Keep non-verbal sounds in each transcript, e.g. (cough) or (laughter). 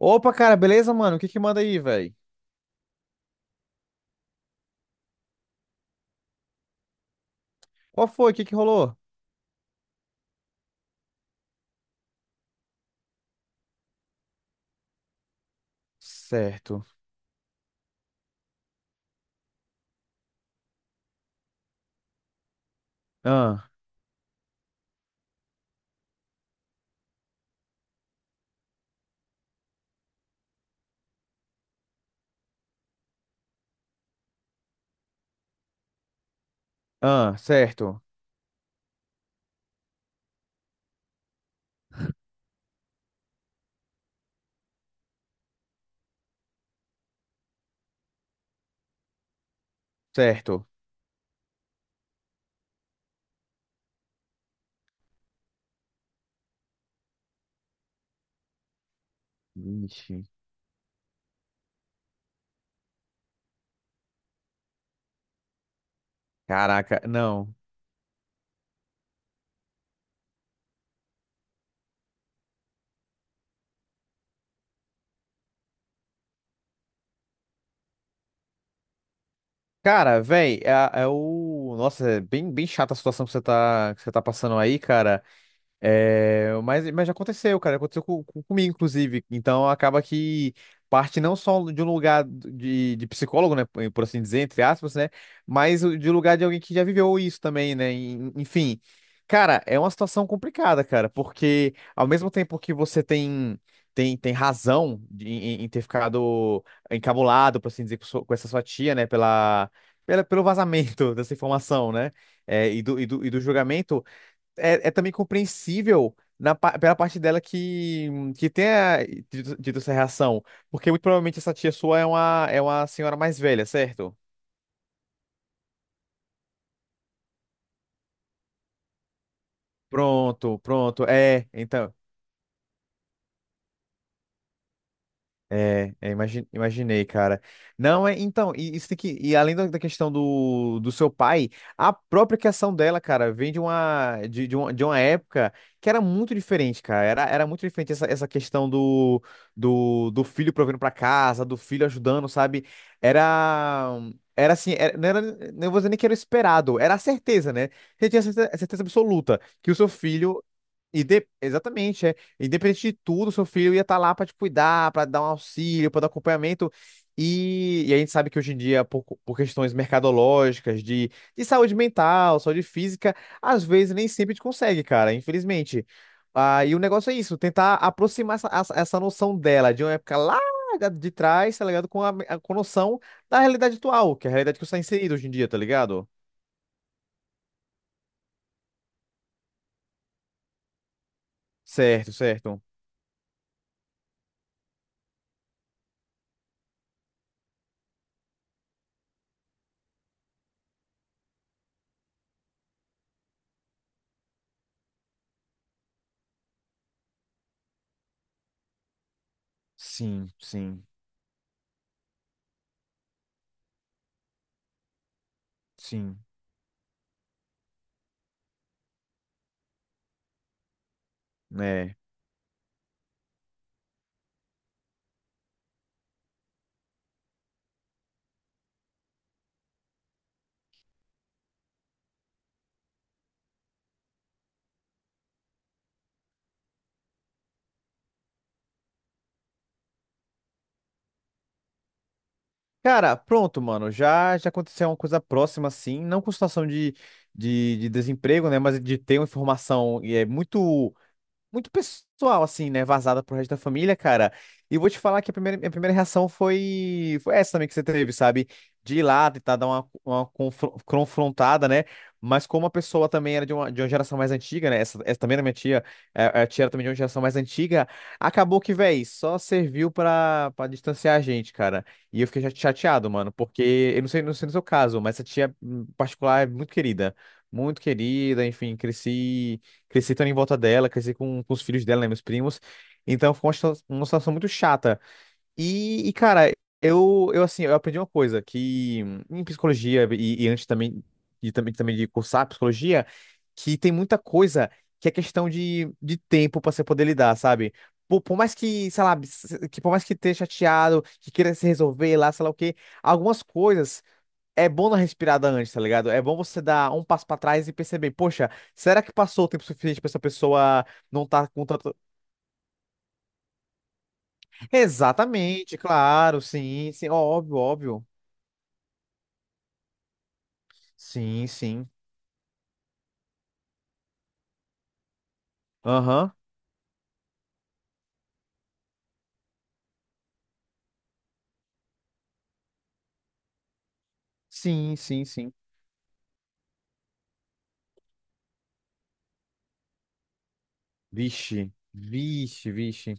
Opa, cara, beleza, mano? O que que manda aí, velho? Qual foi? O que que rolou? Certo. Ah, ah, certo. Certo. Ixi. Caraca, não. Cara, velho, é, é o. Nossa, é bem chata a situação que você tá passando aí, cara. É, mas já aconteceu, cara. Aconteceu comigo, inclusive. Então acaba que parte não só de um lugar de psicólogo, né? Por assim dizer, entre aspas, né? Mas de lugar de alguém que já viveu isso também, né? Enfim. Cara, é uma situação complicada, cara, porque ao mesmo tempo que você tem. Tem razão em ter ficado encabulado, por assim dizer, com essa sua tia, né? Pelo vazamento (laughs) dessa informação, né? E do julgamento. É também compreensível pela parte dela que tenha dito essa reação. Porque muito provavelmente essa tia sua é uma senhora mais velha, certo? Pronto, pronto. É, então. É, imaginei, cara. Não, é, então, e isso e além da questão do seu pai, a própria criação dela, cara, vem de uma época que era muito diferente, cara. Era muito diferente essa questão do filho provendo pra casa, do filho ajudando, sabe? Era, era assim, não era, não vou dizer nem que era esperado, era a certeza, né? Você tinha certeza, certeza absoluta que o seu filho. Exatamente, é. Independente de tudo, seu filho ia estar lá para te cuidar, para dar um auxílio, para dar acompanhamento. E a gente sabe que hoje em dia, por questões mercadológicas, de saúde mental, saúde física, às vezes nem sempre a gente consegue, cara, infelizmente. Ah, e o negócio é isso, tentar aproximar essa, essa noção dela de uma época lá de trás, tá ligado? Com a noção da realidade atual, que é a realidade que você está inserido hoje em dia, tá ligado? Certo, certo. Sim, sim, sim. Né? Cara, pronto, mano. Já aconteceu uma coisa próxima, assim, não com situação de desemprego, né? Mas de ter uma informação e é muito muito pessoal, assim, né? Vazada pro resto da família, cara. E vou te falar que minha primeira reação foi essa também que você teve, sabe? De ir lá, tentar dar uma confrontada, né? Mas como a pessoa também era de uma geração mais antiga, né? Essa também era minha tia. A tia era também de uma geração mais antiga, acabou que, véi, só serviu pra distanciar a gente, cara. E eu fiquei chateado, mano, porque eu não sei no seu caso, mas essa tia em particular é muito querida. Muito querida, enfim, cresci. Cresci também em volta dela, cresci com os filhos dela, né, meus primos. Então foi uma situação muito chata. E, cara, eu assim, eu aprendi uma coisa, que em psicologia e antes também, e também de cursar psicologia, que tem muita coisa que é questão de tempo pra você poder lidar, sabe? Por mais que, sei lá, que por mais que esteja chateado, que queira se resolver lá, sei lá o quê, algumas coisas é bom dar respirada antes, tá ligado? É bom você dar um passo pra trás e perceber, poxa, será que passou o tempo suficiente pra essa pessoa não tá com tanto. Exatamente, claro, sim, sim, óbvio, óbvio. Sim, sim. Aham. Sim, sim, sim. Vixe, vixe, vixe.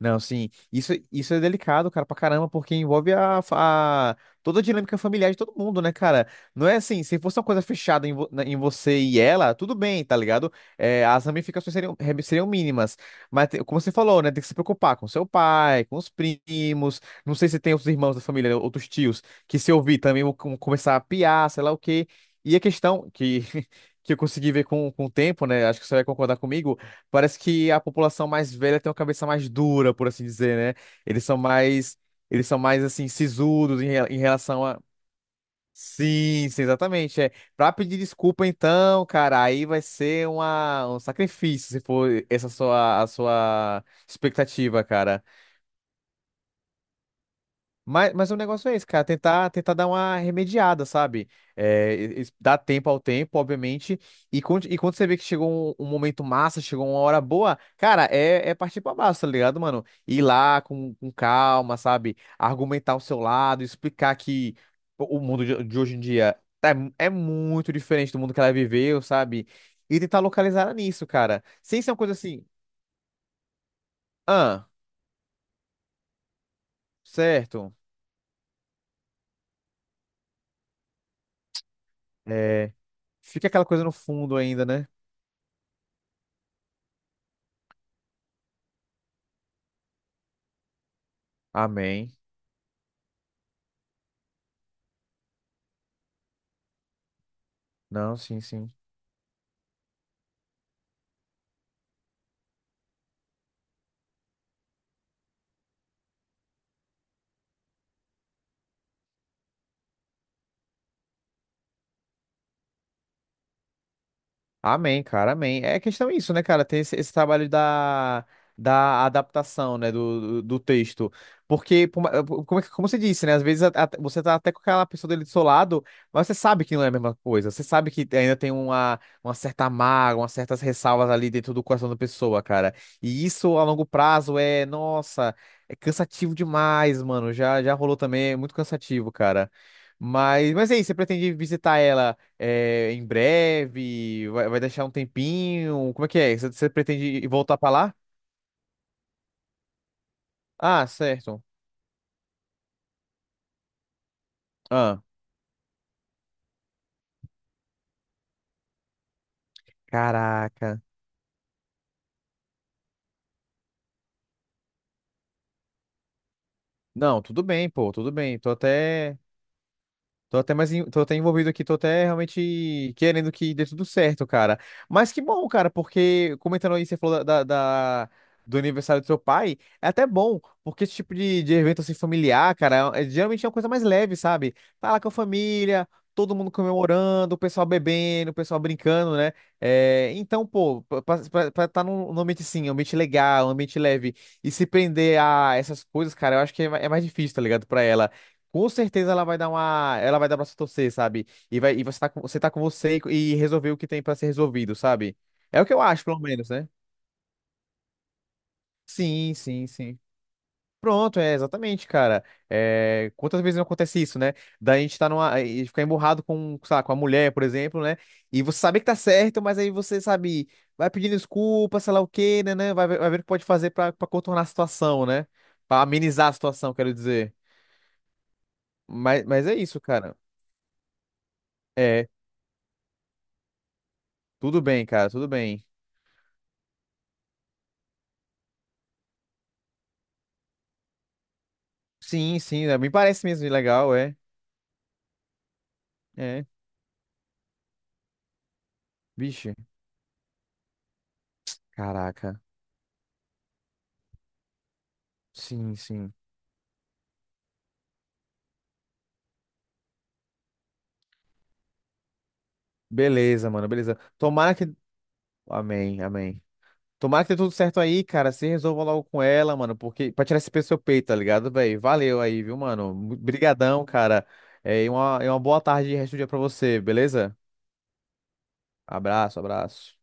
Não, sim. Isso é delicado, cara, pra caramba, porque envolve a- toda a dinâmica familiar de todo mundo, né, cara? Não é assim, se fosse uma coisa fechada em você e ela, tudo bem, tá ligado? É, as ramificações seriam mínimas. Mas, como você falou, né, tem que se preocupar com seu pai, com os primos. Não sei se tem outros irmãos da família, outros tios, que se ouvir também vão começar a piar, sei lá o quê. E a questão que. (laughs) Que eu consegui ver com o tempo, né? Acho que você vai concordar comigo. Parece que a população mais velha tem uma cabeça mais dura, por assim dizer, né? Eles são mais, eles são mais assim sisudos em relação a. Sim, sim, exatamente. É. Pra pedir desculpa, então, cara, aí vai ser um sacrifício se for a sua expectativa, cara. Mas o negócio é esse, cara, tentar dar uma remediada, sabe? É, e dar tempo ao tempo, obviamente. E, quando você vê que chegou um momento massa, chegou uma hora boa, cara, é partir pra baixo, tá ligado, mano? Ir lá com calma, sabe? Argumentar o seu lado, explicar que o mundo de hoje em dia é muito diferente do mundo que ela viveu, sabe? E tentar localizar nisso, cara. Sem ser uma coisa assim, ah, certo. É, fica aquela coisa no fundo ainda, né? Amém. Não, sim, sim. Amém, cara, amém. É questão isso, né, cara? Ter esse trabalho da adaptação, né, do texto. Porque, como você disse, né, às vezes você tá até com aquela pessoa dele do seu lado, mas você sabe que não é a mesma coisa. Você sabe que ainda tem uma certa mágoa, umas certas ressalvas ali dentro do coração da pessoa, cara. E isso a longo prazo é, nossa, é cansativo demais, mano. Já rolou também, é muito cansativo, cara. Mas é isso, você pretende visitar ela? É, em breve? Vai deixar um tempinho? Como é que é? Você pretende ir voltar pra lá? Ah, certo. Ah, caraca. Não, tudo bem, pô, tudo bem. Tô até. Tô até mais, tô até envolvido aqui, tô até realmente querendo que dê tudo certo, cara. Mas que bom, cara, porque comentando aí, você falou da- do aniversário do seu pai, é até bom, porque esse tipo de evento assim familiar, cara, geralmente é uma coisa mais leve, sabe? Tá lá com a família, todo mundo comemorando, o pessoal bebendo, o pessoal brincando, né? É, então, pô, tá num ambiente assim, um ambiente legal, um ambiente leve, e se prender a essas coisas, cara, eu acho que é mais difícil, tá ligado, pra ela. Com certeza ela vai dar pra se torcer, sabe? E você tá com você e resolver o que tem pra ser resolvido, sabe? É o que eu acho, pelo menos, né? Sim, sim, sim. Pronto, é exatamente, cara. É, quantas vezes não acontece isso, né? Da gente tá e ficar emburrado com, sei lá, com a mulher, por exemplo, né? E você sabe que tá certo, mas aí você sabe, vai pedindo desculpa, sei lá o quê, né? Vai ver o que pode fazer pra contornar a situação, né? Pra amenizar a situação, quero dizer. Mas é isso, cara. É, tudo bem, cara, tudo bem. Sim, sim, é, me parece mesmo legal, é. É. Vixe, caraca. Sim, sim. Beleza, mano, beleza. Tomara que. Amém, amém. Tomara que dê tudo certo aí, cara. Se resolva logo com ela, mano, porque pra tirar esse peso do seu peito, tá ligado, velho? Valeu aí, viu, mano? Brigadão, cara. É, e uma boa tarde e resto do dia pra você, beleza? Abraço, abraço.